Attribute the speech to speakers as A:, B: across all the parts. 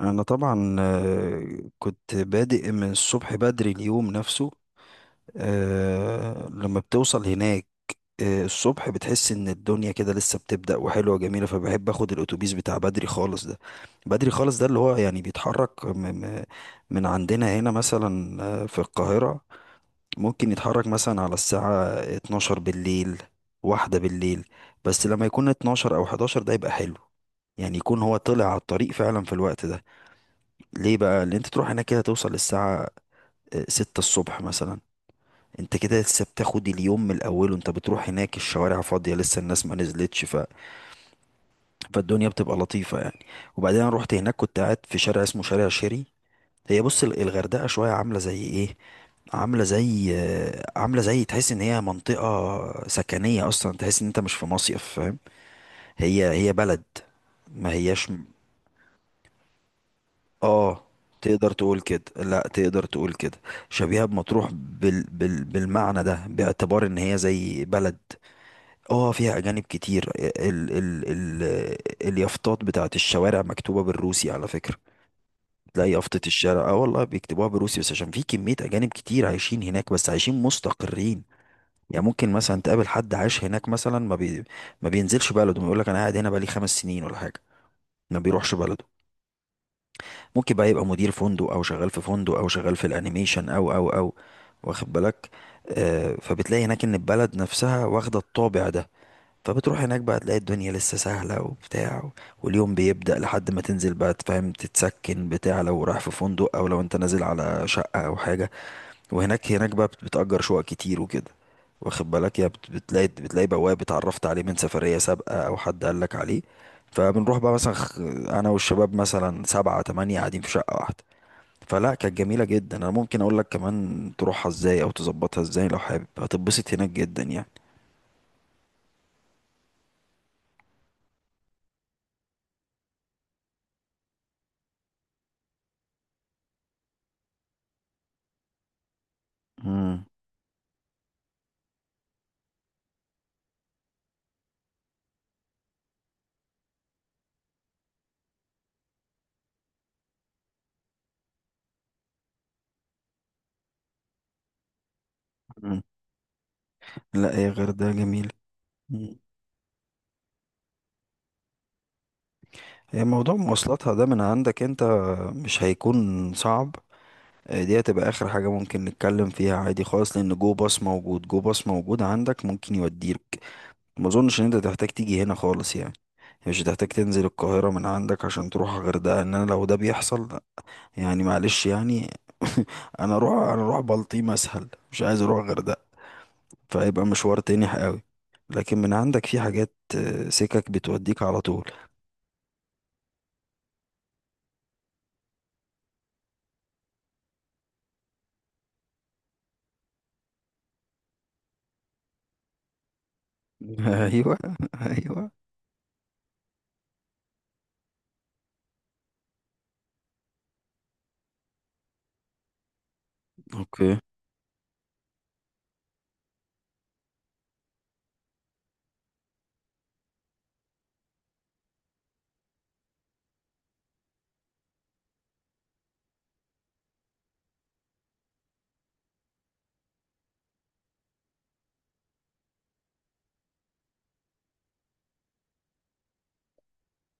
A: انا طبعا كنت بادئ من الصبح بدري اليوم نفسه. لما بتوصل هناك، الصبح بتحس ان الدنيا كده لسه بتبدأ وحلوة وجميلة، فبحب اخد الاتوبيس بتاع بدري خالص ده. بدري خالص ده اللي هو يعني بيتحرك م- من عندنا هنا مثلا، في القاهرة، ممكن يتحرك مثلا على الساعة 12 بالليل، واحدة بالليل. بس لما يكون 12 او 11 ده يبقى حلو، يعني يكون هو طلع على الطريق فعلا في الوقت ده. ليه بقى اللي انت تروح هناك كده توصل الساعة ستة الصبح مثلا؟ انت كده لسه بتاخد اليوم من الاول وانت بتروح هناك، الشوارع فاضية لسه الناس ما نزلتش، فالدنيا بتبقى لطيفة يعني. وبعدين انا رحت هناك، كنت قاعد في شارع اسمه شارع شيري. هي بص، الغردقة شوية عاملة زي ايه؟ عاملة زي، عاملة زي تحس ان هي منطقة سكنية اصلا، تحس ان انت مش في مصيف، فاهم؟ هي بلد، ما هياش. اه، تقدر تقول كده، لا تقدر تقول كده. شبيهة بمطروح بالمعنى ده، باعتبار ان هي زي بلد. اه، فيها اجانب كتير. اليافطات بتاعت الشوارع مكتوبة بالروسي على فكرة. تلاقي يافطة الشارع، اه والله بيكتبوها بالروسي، بس عشان في كمية اجانب كتير عايشين هناك، بس عايشين مستقرين. يعني ممكن مثلا تقابل حد عايش هناك مثلا ما بينزلش بلده ويقول لك انا قاعد هنا بقالي 5 سنين ولا حاجة، ما بيروحش بلده. ممكن بقى يبقى مدير فندق او شغال في فندق او شغال في الانيميشن او واخد بالك؟ فبتلاقي هناك ان البلد نفسها واخده الطابع ده. فبتروح هناك بقى تلاقي الدنيا لسه سهله وبتاع، واليوم بيبدأ لحد ما تنزل بقى تفهم تتسكن بتاع، لو رايح في فندق او لو انت نازل على شقه او حاجه. وهناك، بتأجر شقق كتير وكده، واخد بالك؟ يا بتلاقي، بتلاقي بواب اتعرفت عليه من سفرية سابقة أو حد قال لك عليه. فبنروح بقى مثلا، أنا والشباب مثلا 7 8 قاعدين في شقة واحدة، فلا كانت جميلة جدا. أنا ممكن أقول لك كمان تروحها إزاي أو تظبطها إزاي، لو حابب هتتبسط هناك جدا يعني. مم. مم. لا، هي غردقة جميلة. مم. هي موضوع مواصلاتها ده من عندك أنت مش هيكون صعب. دي هتبقى اخر حاجة ممكن نتكلم فيها عادي خالص، لان جو باص موجود، جو باص موجود عندك ممكن يوديك. ما اظنش ان انت تحتاج تيجي هنا خالص يعني، مش هتحتاج تنزل القاهرة من عندك عشان تروح الغردقة، ان انا لو ده بيحصل يعني معلش يعني. انا اروح، انا اروح بلطيم اسهل مش عايز اروح الغردقة، فهيبقى مشوار تاني قوي. لكن من عندك في حاجات، سكك بتوديك على طول. ايوه، ايوه، اوكي.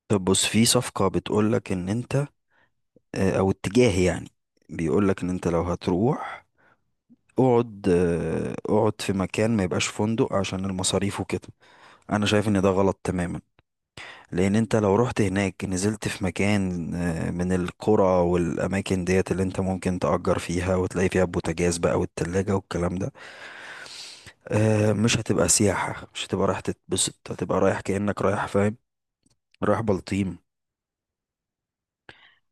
A: طب بص، في صفقة بتقولك ان انت، او اتجاه يعني، بيقول لك ان انت لو هتروح، اقعد، اقعد في مكان ما يبقاش فندق عشان المصاريف وكده. انا شايف ان ده غلط تماما، لان انت لو رحت هناك نزلت في مكان، من القرى والاماكن ديت اللي انت ممكن تأجر فيها وتلاقي فيها بوتاجاز بقى والتلاجة والكلام ده، مش هتبقى سياحة، مش هتبقى رايح تتبسط، هتبقى رايح كأنك رايح، فاهم؟ رايح بلطيم.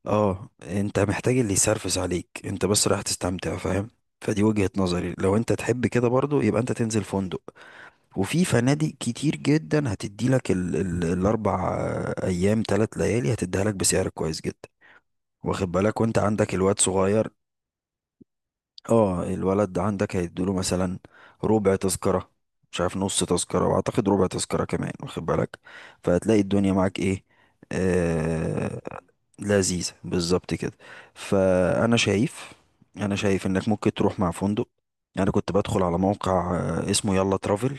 A: اه انت محتاج اللي يسرفس عليك، انت بس رايح تستمتع، فاهم؟ فدي وجهة نظري. لو انت تحب كده برضو، يبقى انت تنزل فندق. وفي فنادق كتير جدا هتدي لك ال ال الاربع ايام ثلاث ليالي هتديها لك بسعر كويس جدا، واخد بالك؟ وانت عندك الواد صغير، اه الولد عندك هيدوله مثلا ربع تذكرة، مش عارف نص تذكرة، واعتقد ربع تذكرة كمان، واخد بالك؟ فهتلاقي الدنيا معاك ايه، آه، لذيذة بالظبط كده. فانا شايف، انا شايف انك ممكن تروح مع فندق. انا كنت بدخل على موقع، اسمه يلا ترافل،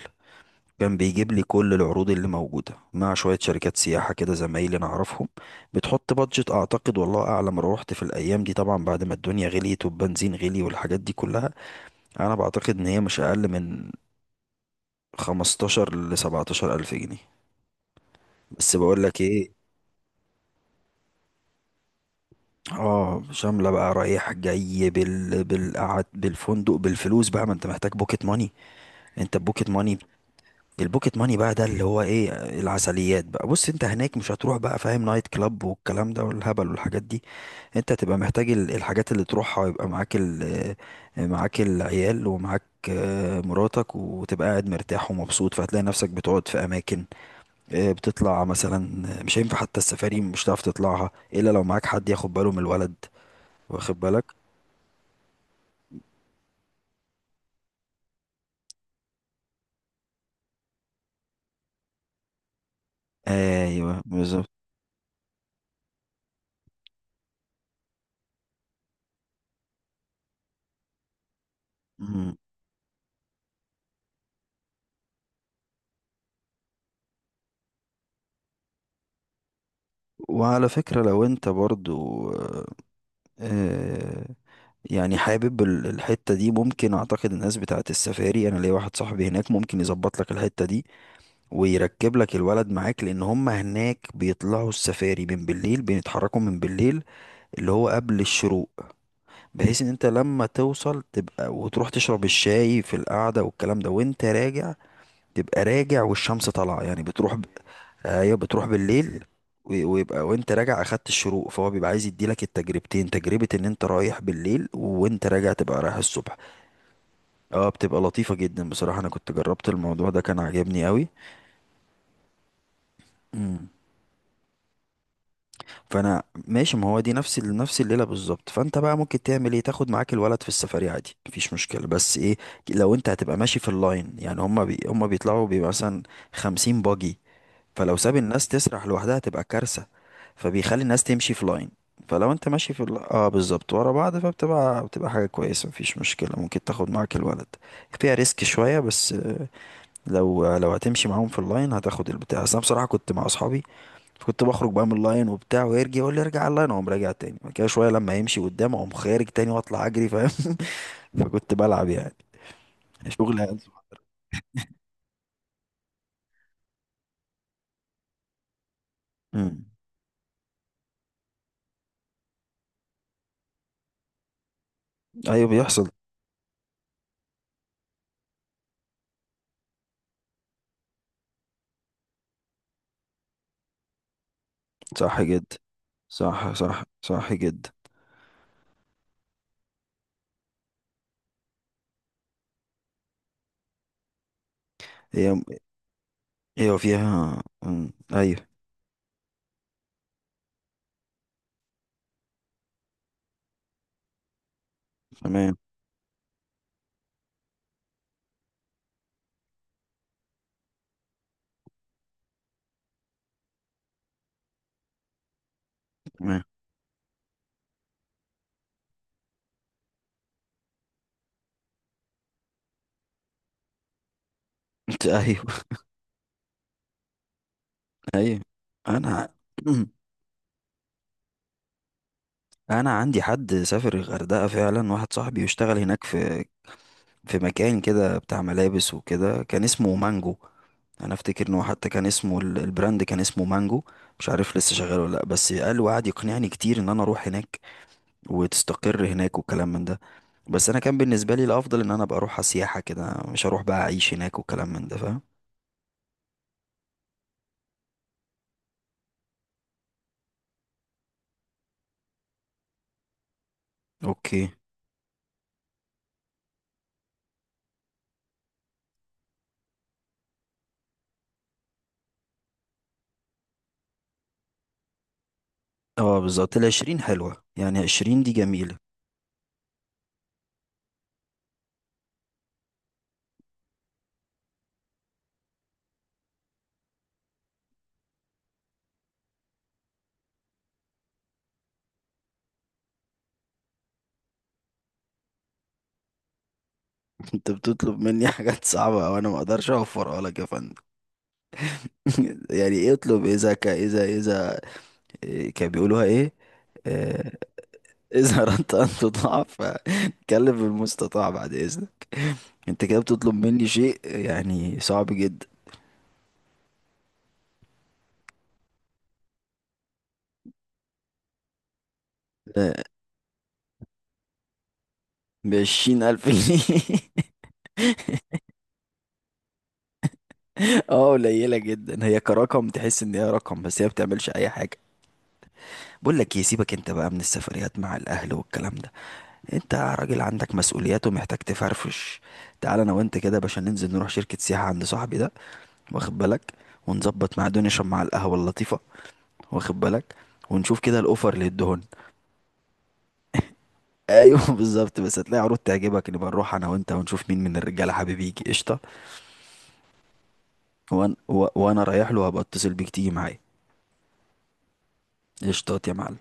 A: كان بيجيب لي كل العروض اللي موجودة مع شوية شركات سياحة كده زمايلي نعرفهم. بتحط بادجت، أعتقد والله أعلم روحت في الأيام دي، طبعا بعد ما الدنيا غليت والبنزين غلي والحاجات دي كلها، أنا بعتقد إن هي مش أقل من 15 لسبعتاشر ألف جنيه. بس بقول لك إيه، اه شاملة بقى رايح جاي بالقعد بالفندق بالفلوس بقى، ما انت محتاج بوكيت ماني، انت بوكيت ماني. البوكيت ماني بقى ده اللي هو ايه، العسليات بقى. بص، انت هناك مش هتروح بقى فاهم نايت كلاب والكلام ده والهبل والحاجات دي. انت هتبقى محتاج الحاجات اللي تروحها يبقى معاك، معاك العيال ومعاك، مراتك، وتبقى قاعد مرتاح ومبسوط. فهتلاقي نفسك بتقعد في اماكن، بتطلع مثلا، مش هينفع حتى السفاري، مش هتعرف تطلعها الا لو معاك حد ياخد باله من الولد، واخد بالك؟ ايوه بالظبط. مم. وعلى فكرة لو انت برضو، آه، يعني حابب الحتة دي، ممكن، اعتقد الناس بتاعت السفاري، انا ليا واحد صاحبي هناك ممكن يظبط لك الحتة دي ويركب لك الولد معاك. لان هم هناك بيطلعوا السفاري من بالليل، بيتحركوا من بالليل، اللي هو قبل الشروق، بحيث ان انت لما توصل تبقى وتروح تشرب الشاي في القعدة والكلام ده، وانت راجع تبقى راجع والشمس طالعه، يعني ايوه بتروح بالليل، ويبقى وانت راجع اخدت الشروق، فهو بيبقى عايز يديلك التجربتين، تجربه ان انت رايح بالليل، وانت راجع تبقى رايح الصبح. اه بتبقى لطيفه جدا بصراحه، انا كنت جربت الموضوع ده كان عاجبني قوي. امم. فانا، ماشي، ما هو دي نفس نفس الليله بالظبط. فانت بقى ممكن تعمل ايه، تاخد معاك الولد في السفريه عادي مفيش مشكله، بس ايه، لو انت هتبقى ماشي في اللاين يعني هما بيطلعوا بيبقى مثلا 50 باجي، فلو ساب الناس تسرح لوحدها تبقى كارثة، فبيخلي الناس تمشي في لاين. فلو انت ماشي في اه بالظبط ورا بعض، بتبقى حاجة كويسة مفيش مشكلة، ممكن تاخد معاك الولد. فيها ريسك شوية بس، لو هتمشي معاهم في اللاين هتاخد البتاع، بس انا بصراحة كنت مع اصحابي كنت بخرج بقى من اللاين وبتاع ويرجع يقول لي ارجع اللاين اقوم راجع تاني، بعد كده شوية لما يمشي قدام اقوم خارج تاني واطلع اجري، فاهم؟ فكنت بلعب يعني، شغل. امم. ايوه بيحصل. صح جدا. صح جدا. هي، ايوه فيها، ايوه. تمام. تمام. انت ايوه. ايوه، انا، انا عندي حد سافر الغردقه فعلا، واحد صاحبي يشتغل هناك في، في مكان كده بتاع ملابس وكده، كان اسمه مانجو. انا افتكر ان هو حتى كان اسمه البراند كان اسمه مانجو. مش عارف لسه شغال ولا لا، بس قال وقعد يقنعني كتير ان انا اروح هناك وتستقر هناك والكلام من ده. بس انا كان بالنسبه لي الافضل ان انا ابقى اروح سياحه كده، مش هروح بقى اعيش هناك والكلام من ده، فاهم؟ اوكي. اه بالظبط، الـ 20 حلوة، يعني 20 دي جميلة. انت بتطلب مني حاجات صعبة وانا ما اقدرش اوفرها لك يا فندم. يعني ايه اطلب إيه، اذا ك اذا اذا إيه كان بيقولوها ايه، آه، اذا اردت ان تطاع فكلم المستطاع، بعد اذنك. انت كده بتطلب مني شيء يعني صعب جدا. آه، بـ 20 ألف جنيه؟ اه قليلة جدا، هي كرقم تحس ان هي رقم بس هي بتعملش اي حاجة. بقول لك ايه، سيبك انت بقى من السفريات مع الاهل والكلام ده، انت راجل عندك مسؤوليات ومحتاج تفرفش. تعال انا وانت كده يا باشا ننزل نروح شركة سياحة عند صاحبي ده، واخد بالك؟ ونظبط، مع نشرب مع القهوة اللطيفة، واخد بالك؟ ونشوف كده الاوفر اللي ادهن. ايوه بالظبط. بس هتلاقي عروض تعجبك نبقى نروح انا وانت ونشوف مين من الرجالة حبيب يجي قشطة. وانا رايح له هبقى اتصل بيك تيجي معايا. قشطات يا معلم.